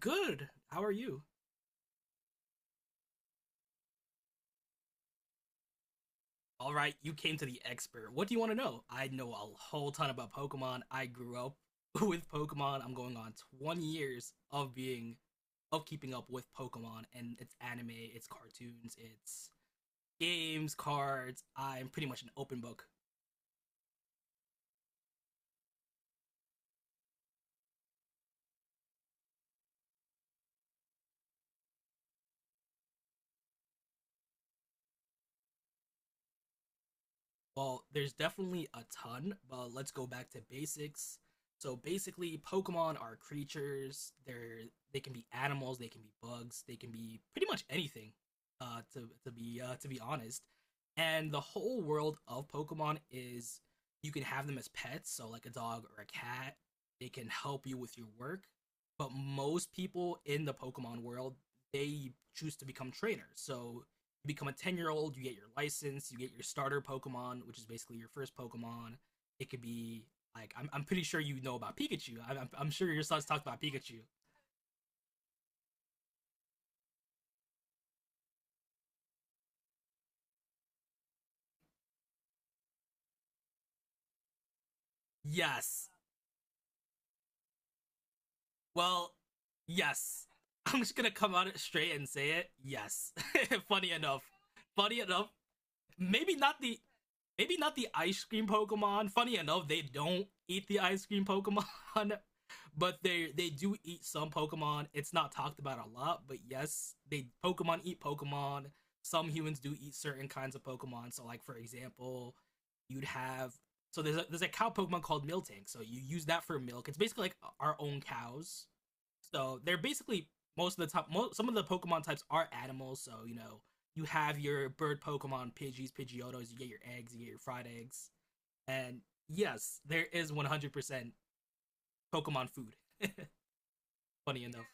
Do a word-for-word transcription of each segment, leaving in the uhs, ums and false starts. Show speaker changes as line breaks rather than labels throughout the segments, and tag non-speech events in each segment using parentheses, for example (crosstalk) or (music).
Good. How are you? All right, you came to the expert. What do you want to know? I know a whole ton about Pokemon. I grew up (laughs) with Pokemon. I'm going on twenty years of being of keeping up with Pokemon and its anime, its cartoons, its games, cards. I'm pretty much an open book. Well, there's definitely a ton, but let's go back to basics. So basically, Pokemon are creatures. They're they can be animals, they can be bugs, they can be pretty much anything. Uh, to to be uh, to be honest, and the whole world of Pokemon is, you can have them as pets, so like a dog or a cat. They can help you with your work, but most people in the Pokemon world, they choose to become trainers. So you become a ten year old, you get your license, you get your starter Pokemon, which is basically your first Pokemon. It could be like, I'm, I'm pretty sure you know about Pikachu. I'm, I'm, I'm sure your son's talked about Pikachu. Yes. Well, yes. (laughs) I'm just gonna come out straight and say it. Yes. (laughs) Funny enough. Funny enough, maybe not the maybe not the ice cream Pokemon. Funny enough, they don't eat the ice cream Pokemon, (laughs) but they they do eat some Pokemon. It's not talked about a lot, but yes, they Pokemon eat Pokemon. Some humans do eat certain kinds of Pokemon. So, like for example, you'd have so there's a, there's a cow Pokemon called Miltank. So you use that for milk. It's basically like our own cows, so they're basically most of the top. Most, some of the Pokemon types are animals. So you know you have your bird Pokemon, Pidgeys, Pidgeotos. You get your eggs. You get your fried eggs. And yes, there is one hundred percent Pokemon food. Funny enough.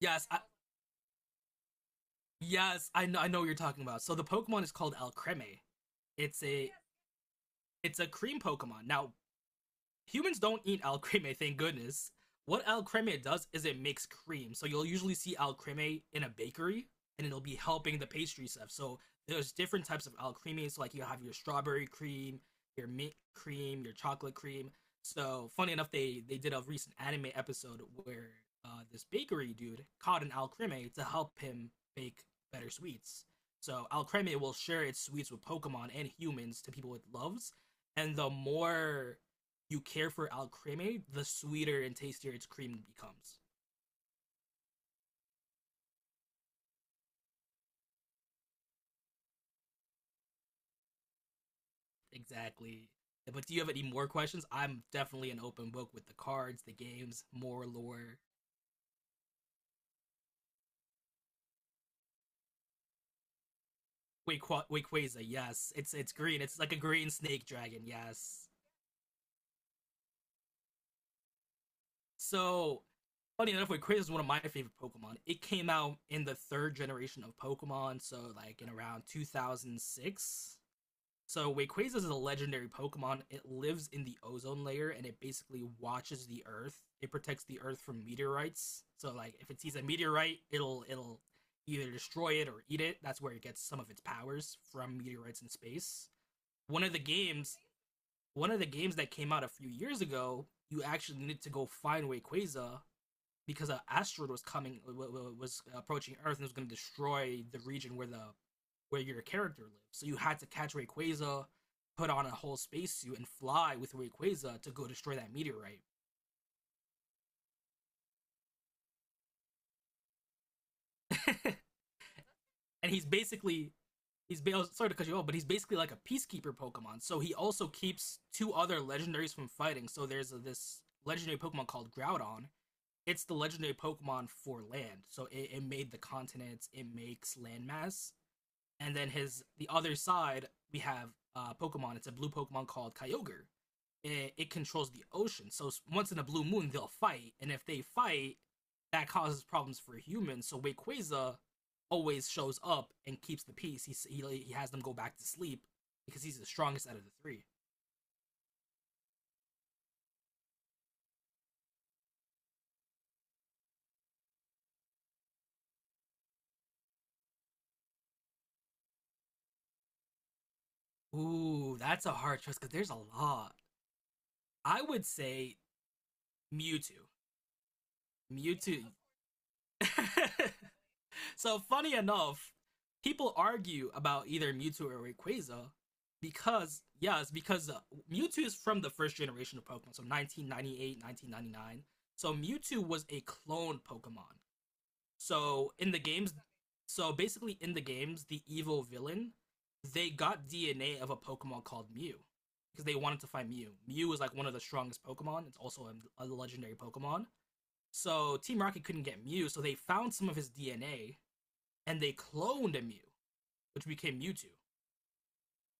Yes, I, yes, I know. I know what you're talking about. So the Pokemon is called Alcremie. It's a it's a cream Pokemon. Now humans don't eat al creme, thank goodness. What al creme does is it makes cream. So you'll usually see al creme in a bakery, and it'll be helping the pastry stuff. So there's different types of al creme. So like you have your strawberry cream, your mint cream, your chocolate cream. So funny enough, they they did a recent anime episode where uh, this bakery dude caught an al creme to help him bake better sweets. So Alcremie will share its sweets with Pokemon and humans to people it loves, and the more you care for al creme, the sweeter and tastier its cream becomes. Exactly. But do you have any more questions? I'm definitely an open book with the cards, the games, more lore. Wait, Qua- wait, Quaza, yes, it's it's green. It's like a green snake dragon. Yes. So funny enough, Quaza is one of my favorite Pokemon. It came out in the third generation of Pokemon, so like in around two thousand six. So Rayquaza is a legendary Pokemon. It lives in the ozone layer and it basically watches the Earth. It protects the Earth from meteorites. So like if it sees a meteorite, it'll it'll either destroy it or eat it. That's where it gets some of its powers from meteorites in space. One of the games, One of the games that came out a few years ago, you actually needed to go find Rayquaza because an asteroid was coming was approaching Earth and it was going to destroy the region where the where your character lives. So you had to catch Rayquaza, put on a whole spacesuit, and fly with Rayquaza to go destroy that meteorite. And he's basically He's sorry to cut you off, but he's basically like a peacekeeper Pokemon. So he also keeps two other legendaries from fighting. So there's a, this legendary Pokemon called Groudon. It's the legendary Pokemon for land. So it, it made the continents. It makes landmass. And then his the other side we have uh, Pokemon. It's a blue Pokemon called Kyogre. It, it controls the ocean, so once in a blue moon they'll fight, and if they fight, that causes problems for humans. So Wayquaza always shows up and keeps the peace. He he like, he has them go back to sleep because he's the strongest out of the three. Ooh, that's a hard choice because there's a lot. I would say Mewtwo. Mewtwo. (laughs) So funny enough, people argue about either Mewtwo or Rayquaza because, yeah, it's because uh, Mewtwo is from the first generation of Pokemon, so nineteen ninety-eight, nineteen ninety-nine. So Mewtwo was a clone Pokemon. So in the games, so basically in the games, the evil villain, they got D N A of a Pokemon called Mew because they wanted to find Mew. Mew is like one of the strongest Pokemon. It's also a, a legendary Pokemon. So Team Rocket couldn't get Mew, so they found some of his D N A and they cloned a Mew, which became Mewtwo.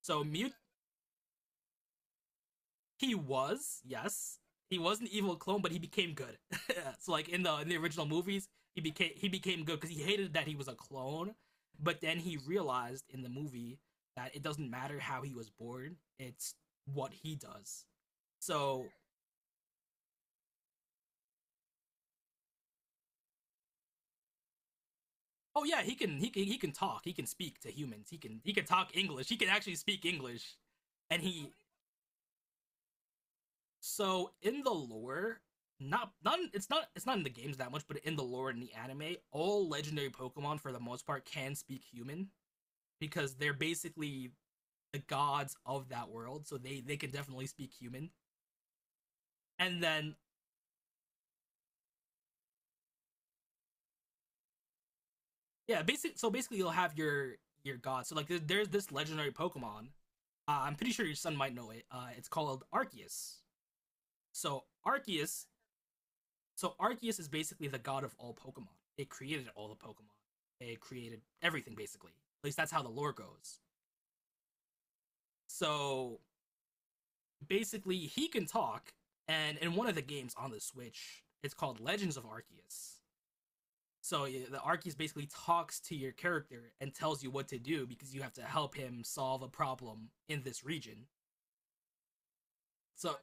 So Mew, he was yes, he was an evil clone, but he became good. (laughs) So like in the in the original movies, he became he became good because he hated that he was a clone, but then he realized in the movie that it doesn't matter how he was born; it's what he does. So oh yeah, he can he can he can talk, he can speak to humans, he can he can talk English, he can actually speak English, and he so in the lore, not not it's not it's not in the games that much, but in the lore in the anime, all legendary Pokemon for the most part can speak human because they're basically the gods of that world, so they they can definitely speak human. And then yeah, basic so basically you'll have your your gods. So like there, there's this legendary Pokemon. Uh, I'm pretty sure your son might know it. Uh, it's called Arceus. So Arceus So Arceus is basically the god of all Pokemon. It created all the Pokemon. It created everything basically. At least that's how the lore goes. So basically, he can talk, and in one of the games on the Switch, it's called Legends of Arceus. So yeah, the Arceus basically talks to your character and tells you what to do because you have to help him solve a problem in this region. So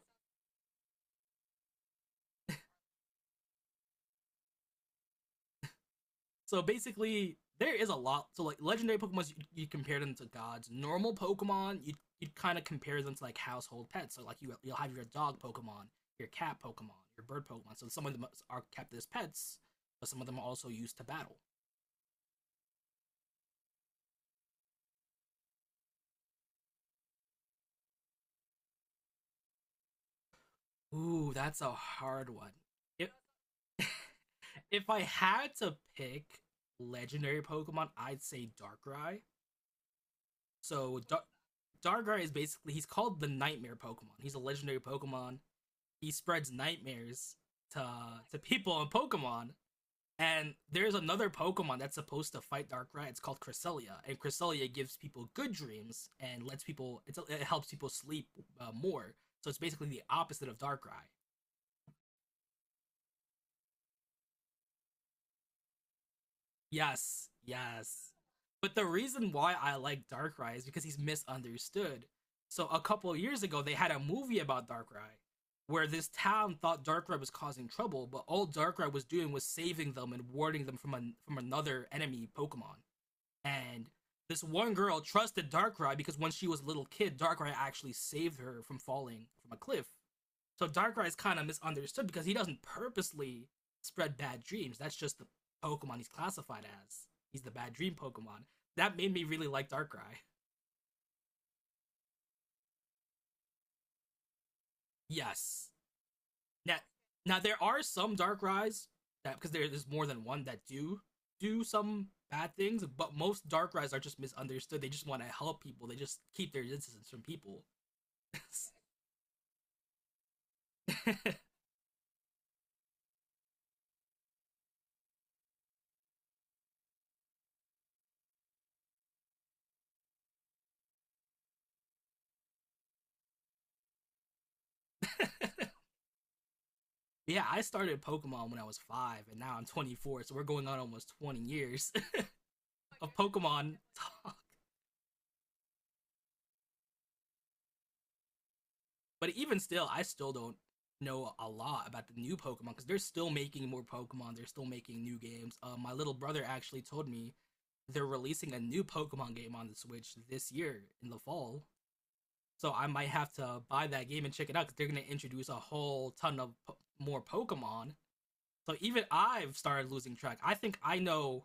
So basically, there is a lot. So like legendary Pokemon, you, you compare them to gods. Normal Pokemon, you you kind of compare them to like household pets. So like you you'll have your dog Pokemon, your cat Pokemon, your bird Pokemon. So some of them are kept as pets, but some of them are also used to battle. Ooh, that's a hard one. If if I had to pick legendary Pokemon, I'd say Darkrai. So Dark Darkrai is basically, he's called the nightmare Pokemon. He's a legendary Pokemon. He spreads nightmares to to people on Pokemon. And there's another Pokemon that's supposed to fight Darkrai. It's called Cresselia, and Cresselia gives people good dreams and lets people. It's, it helps people sleep uh, more. So it's basically the opposite of Darkrai. Yes, yes. But the reason why I like Darkrai is because he's misunderstood. So a couple of years ago, they had a movie about Darkrai, where this town thought Darkrai was causing trouble, but all Darkrai was doing was saving them and warding them from a from another enemy Pokemon. And this one girl trusted Darkrai because when she was a little kid, Darkrai actually saved her from falling from a cliff. So Darkrai's kind of misunderstood because he doesn't purposely spread bad dreams. That's just the Pokemon he's classified as. He's the bad dream Pokemon. That made me really like Darkrai. Yes. Now, now there are some Darkrai's that, because there is more than one, that do do some bad things, but most Darkrai's are just misunderstood. They just want to help people. They just keep their distance from people. (laughs) Yeah, I started Pokemon when I was five, and now I'm twenty-four, so we're going on almost twenty years (laughs) of Pokemon talk. But even still, I still don't know a lot about the new Pokemon because they're still making more Pokemon. They're still making new games. Uh, my little brother actually told me they're releasing a new Pokemon game on the Switch this year in the fall. So I might have to buy that game and check it out because they're going to introduce a whole ton of po- more Pokemon. So even I've started losing track. I think I know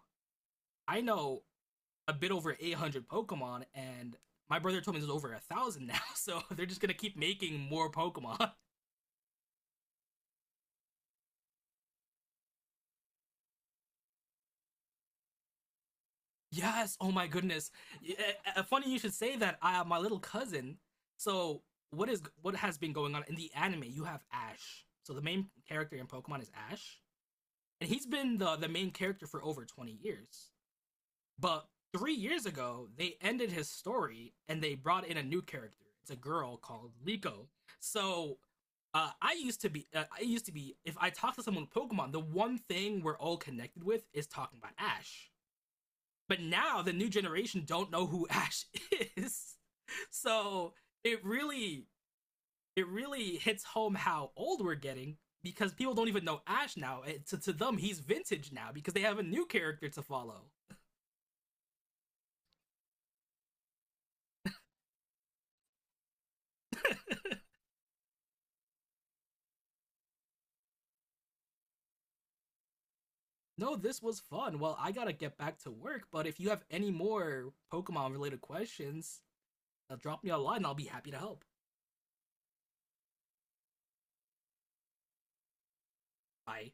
I know a bit over eight hundred Pokemon, and my brother told me there's over a thousand (laughs) now. So they're just going to keep making more Pokemon. (laughs) Yes. Oh my goodness. Yeah, uh, funny you should say that. Uh, my little cousin. So what is what has been going on in the anime? You have Ash. So the main character in Pokemon is Ash, and he's been the the main character for over twenty years. But three years ago, they ended his story and they brought in a new character. It's a girl called Liko. So. Uh, I used to be. Uh, I used to be. If I talk to someone with Pokemon, the one thing we're all connected with is talking about Ash, but now the new generation don't know who Ash is. (laughs) So it really it really hits home how old we're getting because people don't even know Ash now. It, to, to them, he's vintage now because they have a new character to follow. No, this was fun. Well, I gotta get back to work, but if you have any more Pokemon related questions, uh, drop me a line, and I'll be happy to help. Bye.